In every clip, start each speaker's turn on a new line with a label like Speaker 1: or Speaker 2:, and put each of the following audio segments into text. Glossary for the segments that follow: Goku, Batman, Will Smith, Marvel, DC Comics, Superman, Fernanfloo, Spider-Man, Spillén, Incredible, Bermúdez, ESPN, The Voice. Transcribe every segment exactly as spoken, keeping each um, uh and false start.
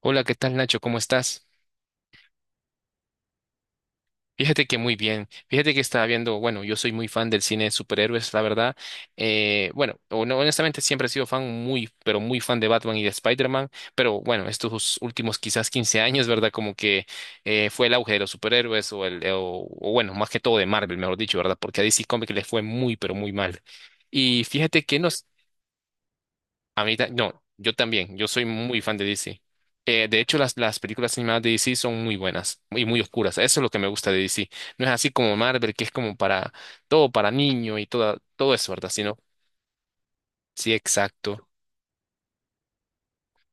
Speaker 1: Hola, ¿qué tal Nacho? ¿Cómo estás? Fíjate que muy bien. Fíjate que estaba viendo, bueno, yo soy muy fan del cine de superhéroes, la verdad. Eh, bueno, o no, honestamente siempre he sido fan muy, pero muy fan de Batman y de Spider-Man, pero bueno, estos últimos quizás quince años, ¿verdad? Como que eh, fue el auge de los superhéroes o el, o, o bueno, más que todo de Marvel, mejor dicho, ¿verdad? Porque a D C Comics les fue muy, pero muy mal. Y fíjate que no. A mí, ta- no, yo también, yo soy muy fan de D C. Eh, de hecho, las, las películas animadas de D C son muy buenas y muy oscuras. Eso es lo que me gusta de D C. No es así como Marvel, que es como para todo, para niño y toda, todo eso, ¿verdad? Sino, sí, exacto.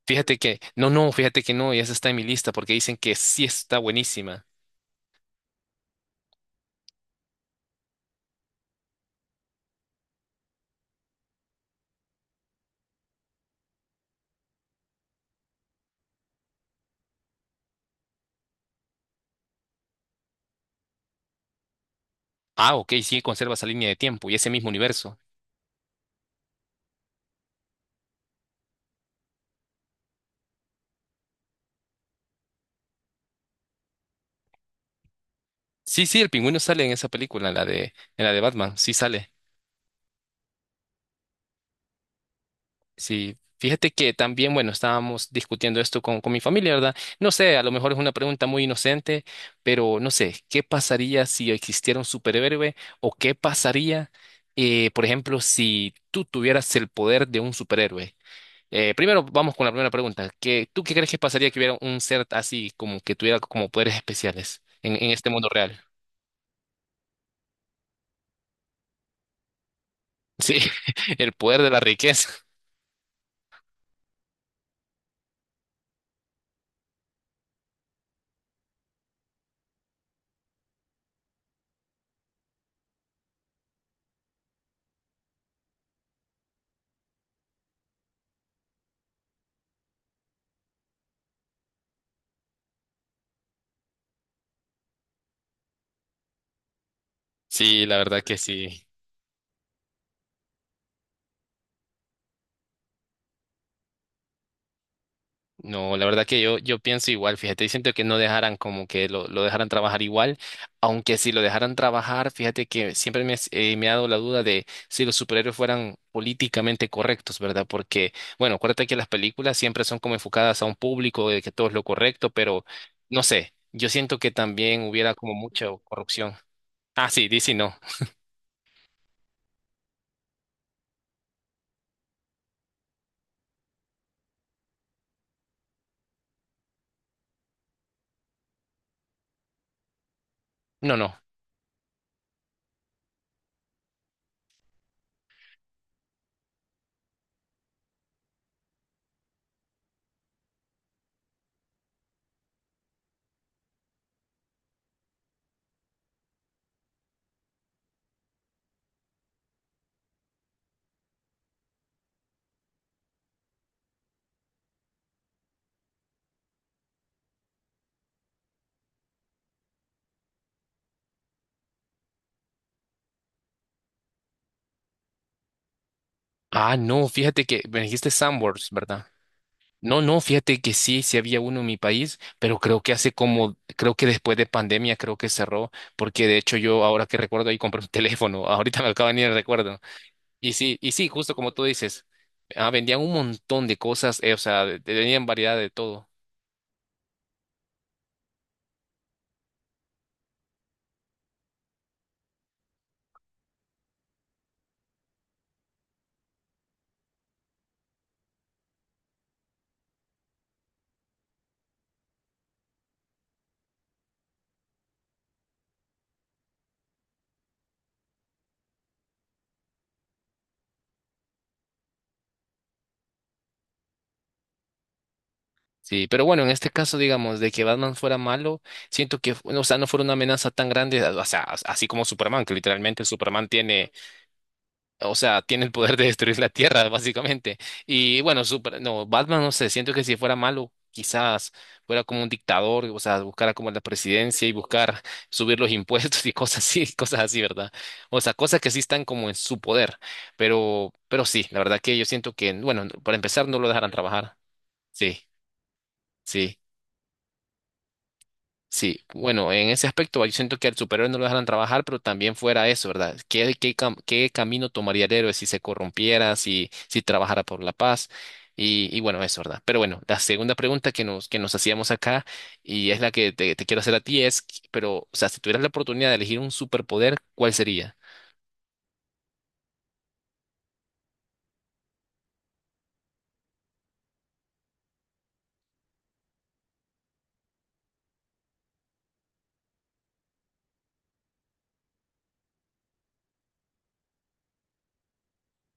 Speaker 1: Fíjate que, no, no, fíjate que no, y esa está en mi lista porque dicen que sí está buenísima. Ah, ok, sí, conserva esa línea de tiempo y ese mismo universo. Sí, sí, el pingüino sale en esa película, en la de, en la de Batman, sí sale. Sí, fíjate que también, bueno, estábamos discutiendo esto con, con mi familia, ¿verdad? No sé, a lo mejor es una pregunta muy inocente, pero no sé, ¿qué pasaría si existiera un superhéroe? ¿O qué pasaría, eh, por ejemplo, si tú tuvieras el poder de un superhéroe? Eh, primero, vamos con la primera pregunta. ¿Qué, tú qué crees que pasaría que hubiera un ser así, como que tuviera como poderes especiales en, en este mundo real? Sí, el poder de la riqueza. Sí, la verdad que sí. No, la verdad que yo, yo pienso igual, fíjate, y siento que no dejaran como que lo, lo dejaran trabajar igual, aunque si lo dejaran trabajar, fíjate que siempre me, has- eh, me ha dado la duda de si los superhéroes fueran políticamente correctos, ¿verdad? Porque, bueno, acuérdate que las películas siempre son como enfocadas a un público, de que todo es lo correcto, pero no sé, yo siento que también hubiera como mucha corrupción. Ah, sí, D C no, no, no. Ah, no, fíjate que me dijiste Sandworms, ¿verdad? No, no, fíjate que sí, sí había uno en mi país, pero creo que hace como, creo que después de pandemia creo que cerró, porque de hecho yo ahora que recuerdo ahí compré un teléfono, ahorita me acaba de venir el recuerdo. Y sí, y sí, justo como tú dices, ah, vendían un montón de cosas, eh, o sea, de- tenían variedad de todo. Sí, pero bueno, en este caso, digamos, de que Batman fuera malo, siento que, fu- o sea, no fuera una amenaza tan grande, o sea, as- así como Superman, que literalmente Superman tiene... O sea, tiene el poder de destruir la Tierra, básicamente. Y bueno, super, no, Batman, no sé, siento que si fuera malo, quizás fuera como un dictador, o sea, buscara como la presidencia y buscar subir los impuestos y cosas así, cosas así, ¿verdad? O sea, cosas que sí están como en su poder. Pero, pero sí, la verdad que yo siento que, bueno, para empezar no lo dejarán trabajar. Sí, sí. Sí, bueno, en ese aspecto yo siento que al superhéroe no lo dejaran trabajar, pero también fuera eso, ¿verdad? ¿Qué, qué, cam- qué camino tomaría el héroe si se corrompiera, si, si trabajara por la paz? Y, y bueno, eso, ¿verdad? Pero bueno, la segunda pregunta que nos, que nos hacíamos acá, y es la que te, te quiero hacer a ti, es, pero, o sea, si tuvieras la oportunidad de elegir un superpoder, ¿cuál sería?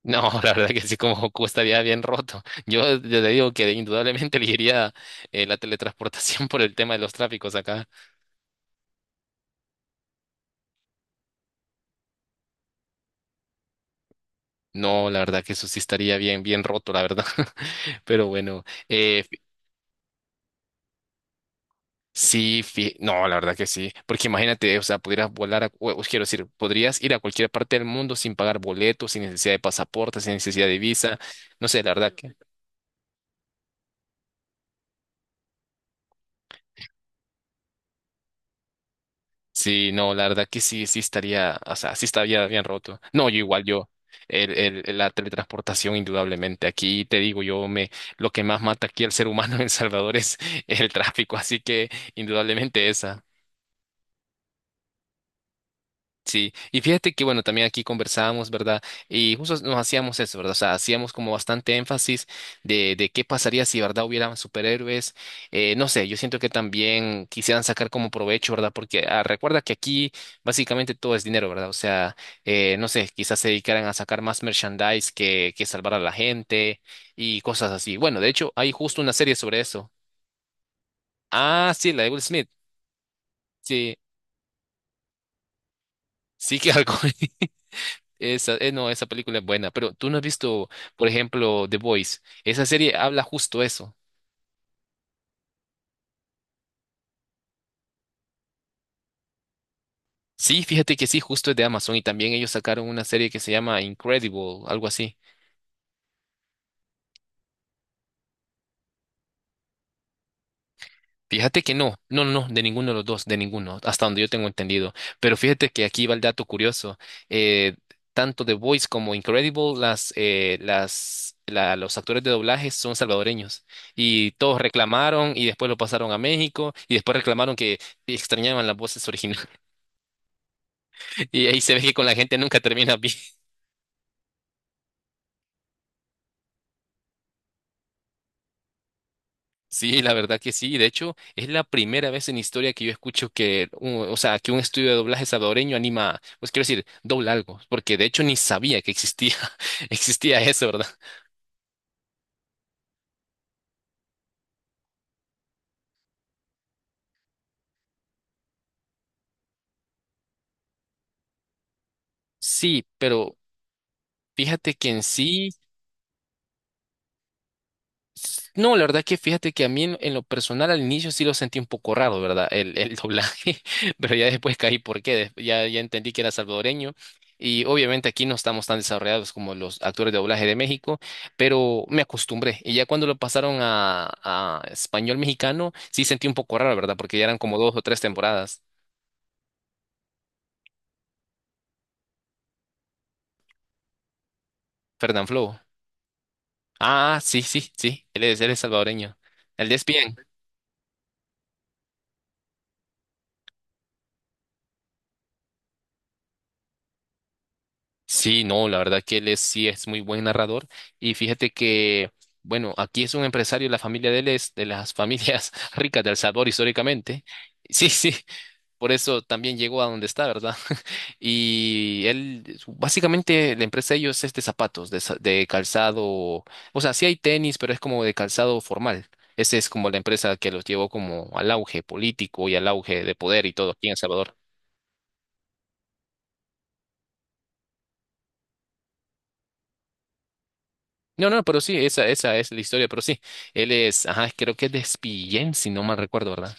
Speaker 1: No, la verdad que sí, como Goku estaría bien roto. Yo ya te digo que indudablemente elegiría eh, la teletransportación por el tema de los tráficos acá. No, la verdad que eso sí estaría bien, bien roto, la verdad. Pero bueno, eh, fi- sí, fi- no, la verdad que sí. Porque imagínate, o sea, pudieras volar, a, o- o quiero decir, podrías ir a cualquier parte del mundo sin pagar boletos, sin necesidad de pasaporte, sin necesidad de visa. No sé, la verdad que sí, no, la verdad que sí, sí, estaría, o sea, sí estaría bien roto. No, yo igual, yo. El, el- la teletransportación, indudablemente. Aquí te digo, yo me, lo que más mata aquí al ser humano en El Salvador es el tráfico, así que indudablemente esa. Sí, y fíjate que bueno, también aquí conversábamos, ¿verdad? Y justo nos hacíamos eso, ¿verdad? O sea, hacíamos como bastante énfasis de, de qué pasaría si, ¿verdad? Hubieran superhéroes. Eh, no sé, yo siento que también quisieran sacar como provecho, ¿verdad? Porque ah, recuerda que aquí básicamente todo es dinero, ¿verdad? O sea, eh, no sé, quizás se dedicaran a sacar más merchandise que, que salvar a la gente y cosas así. Bueno, de hecho, hay justo una serie sobre eso. Ah, sí, la de Will Smith. Sí, sí que algo. Esa, eh, no, esa película es buena, pero tú no has visto, por ejemplo, The Voice. Esa serie habla justo eso. Sí, fíjate que sí, justo es de Amazon y también ellos sacaron una serie que se llama Incredible, algo así. Fíjate que no, no, no, no, de ninguno de los dos, de ninguno, hasta donde yo tengo entendido. Pero fíjate que aquí va el dato curioso. eh, Tanto The Voice como Incredible, las, eh, las, la- los actores de doblaje son salvadoreños y todos reclamaron y después lo pasaron a México y después reclamaron que extrañaban las voces originales. Y ahí se ve que con la gente nunca termina bien. Sí, la verdad que sí. De hecho, es la primera vez en historia que yo escucho que, un- o sea, que un estudio de doblaje salvadoreño anima, pues quiero decir, dobla algo, porque de hecho ni sabía que existía, existía eso, ¿verdad? Sí, pero fíjate que en sí... No, la verdad que fíjate que a mí en, en lo personal al inicio sí lo sentí un poco raro, ¿verdad? El, el doblaje, pero ya después caí por qué, des- ya, ya, entendí que era salvadoreño y obviamente aquí no estamos tan desarrollados como los actores de doblaje de México, pero me acostumbré y ya cuando lo pasaron a, a español mexicano sí sentí un poco raro, ¿verdad? Porque ya eran como dos o tres temporadas. Fernanfloo. Ah, sí, sí, sí, él es, él es salvadoreño. El de E S P N. Sí, no, la verdad que él es, sí es muy buen narrador. Y fíjate que, bueno, aquí es un empresario, la familia de él es de las familias ricas de El Salvador históricamente. Sí, sí, por eso también llegó a donde está, ¿verdad? Y él, su- básicamente, la empresa de ellos es de zapatos, de, za- de calzado. O sea, sí hay tenis, pero es como de calzado formal. Esa es como la empresa que los llevó como al auge político y al auge de poder y todo aquí en El Salvador. No, no, pero sí, esa, esa es la historia, pero sí, él es, ajá, creo que es de Spillén, si no mal recuerdo, ¿verdad?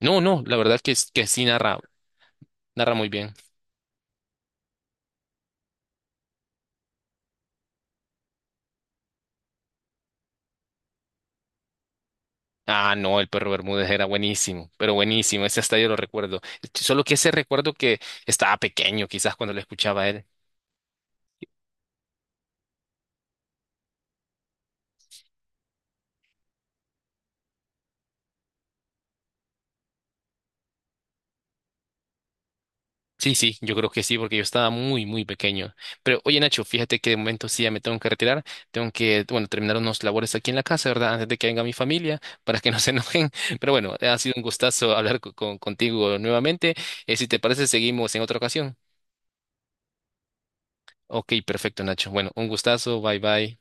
Speaker 1: No, no, la verdad que, es- que sí narra, narra, muy bien. Ah, no, el perro Bermúdez era buenísimo, pero buenísimo, ese hasta yo lo recuerdo. Solo que ese recuerdo que estaba pequeño, quizás cuando lo escuchaba él. Sí, sí, yo creo que sí, porque yo estaba muy, muy pequeño. Pero oye, Nacho, fíjate que de momento sí ya me tengo que retirar. Tengo que, bueno, terminar unos labores aquí en la casa, ¿verdad? Antes de que venga mi familia, para que no se enojen. Pero bueno, ha sido un gustazo hablar co- con, contigo nuevamente. Eh, si te parece, seguimos en otra ocasión. Ok, perfecto, Nacho. Bueno, un gustazo. Bye, bye.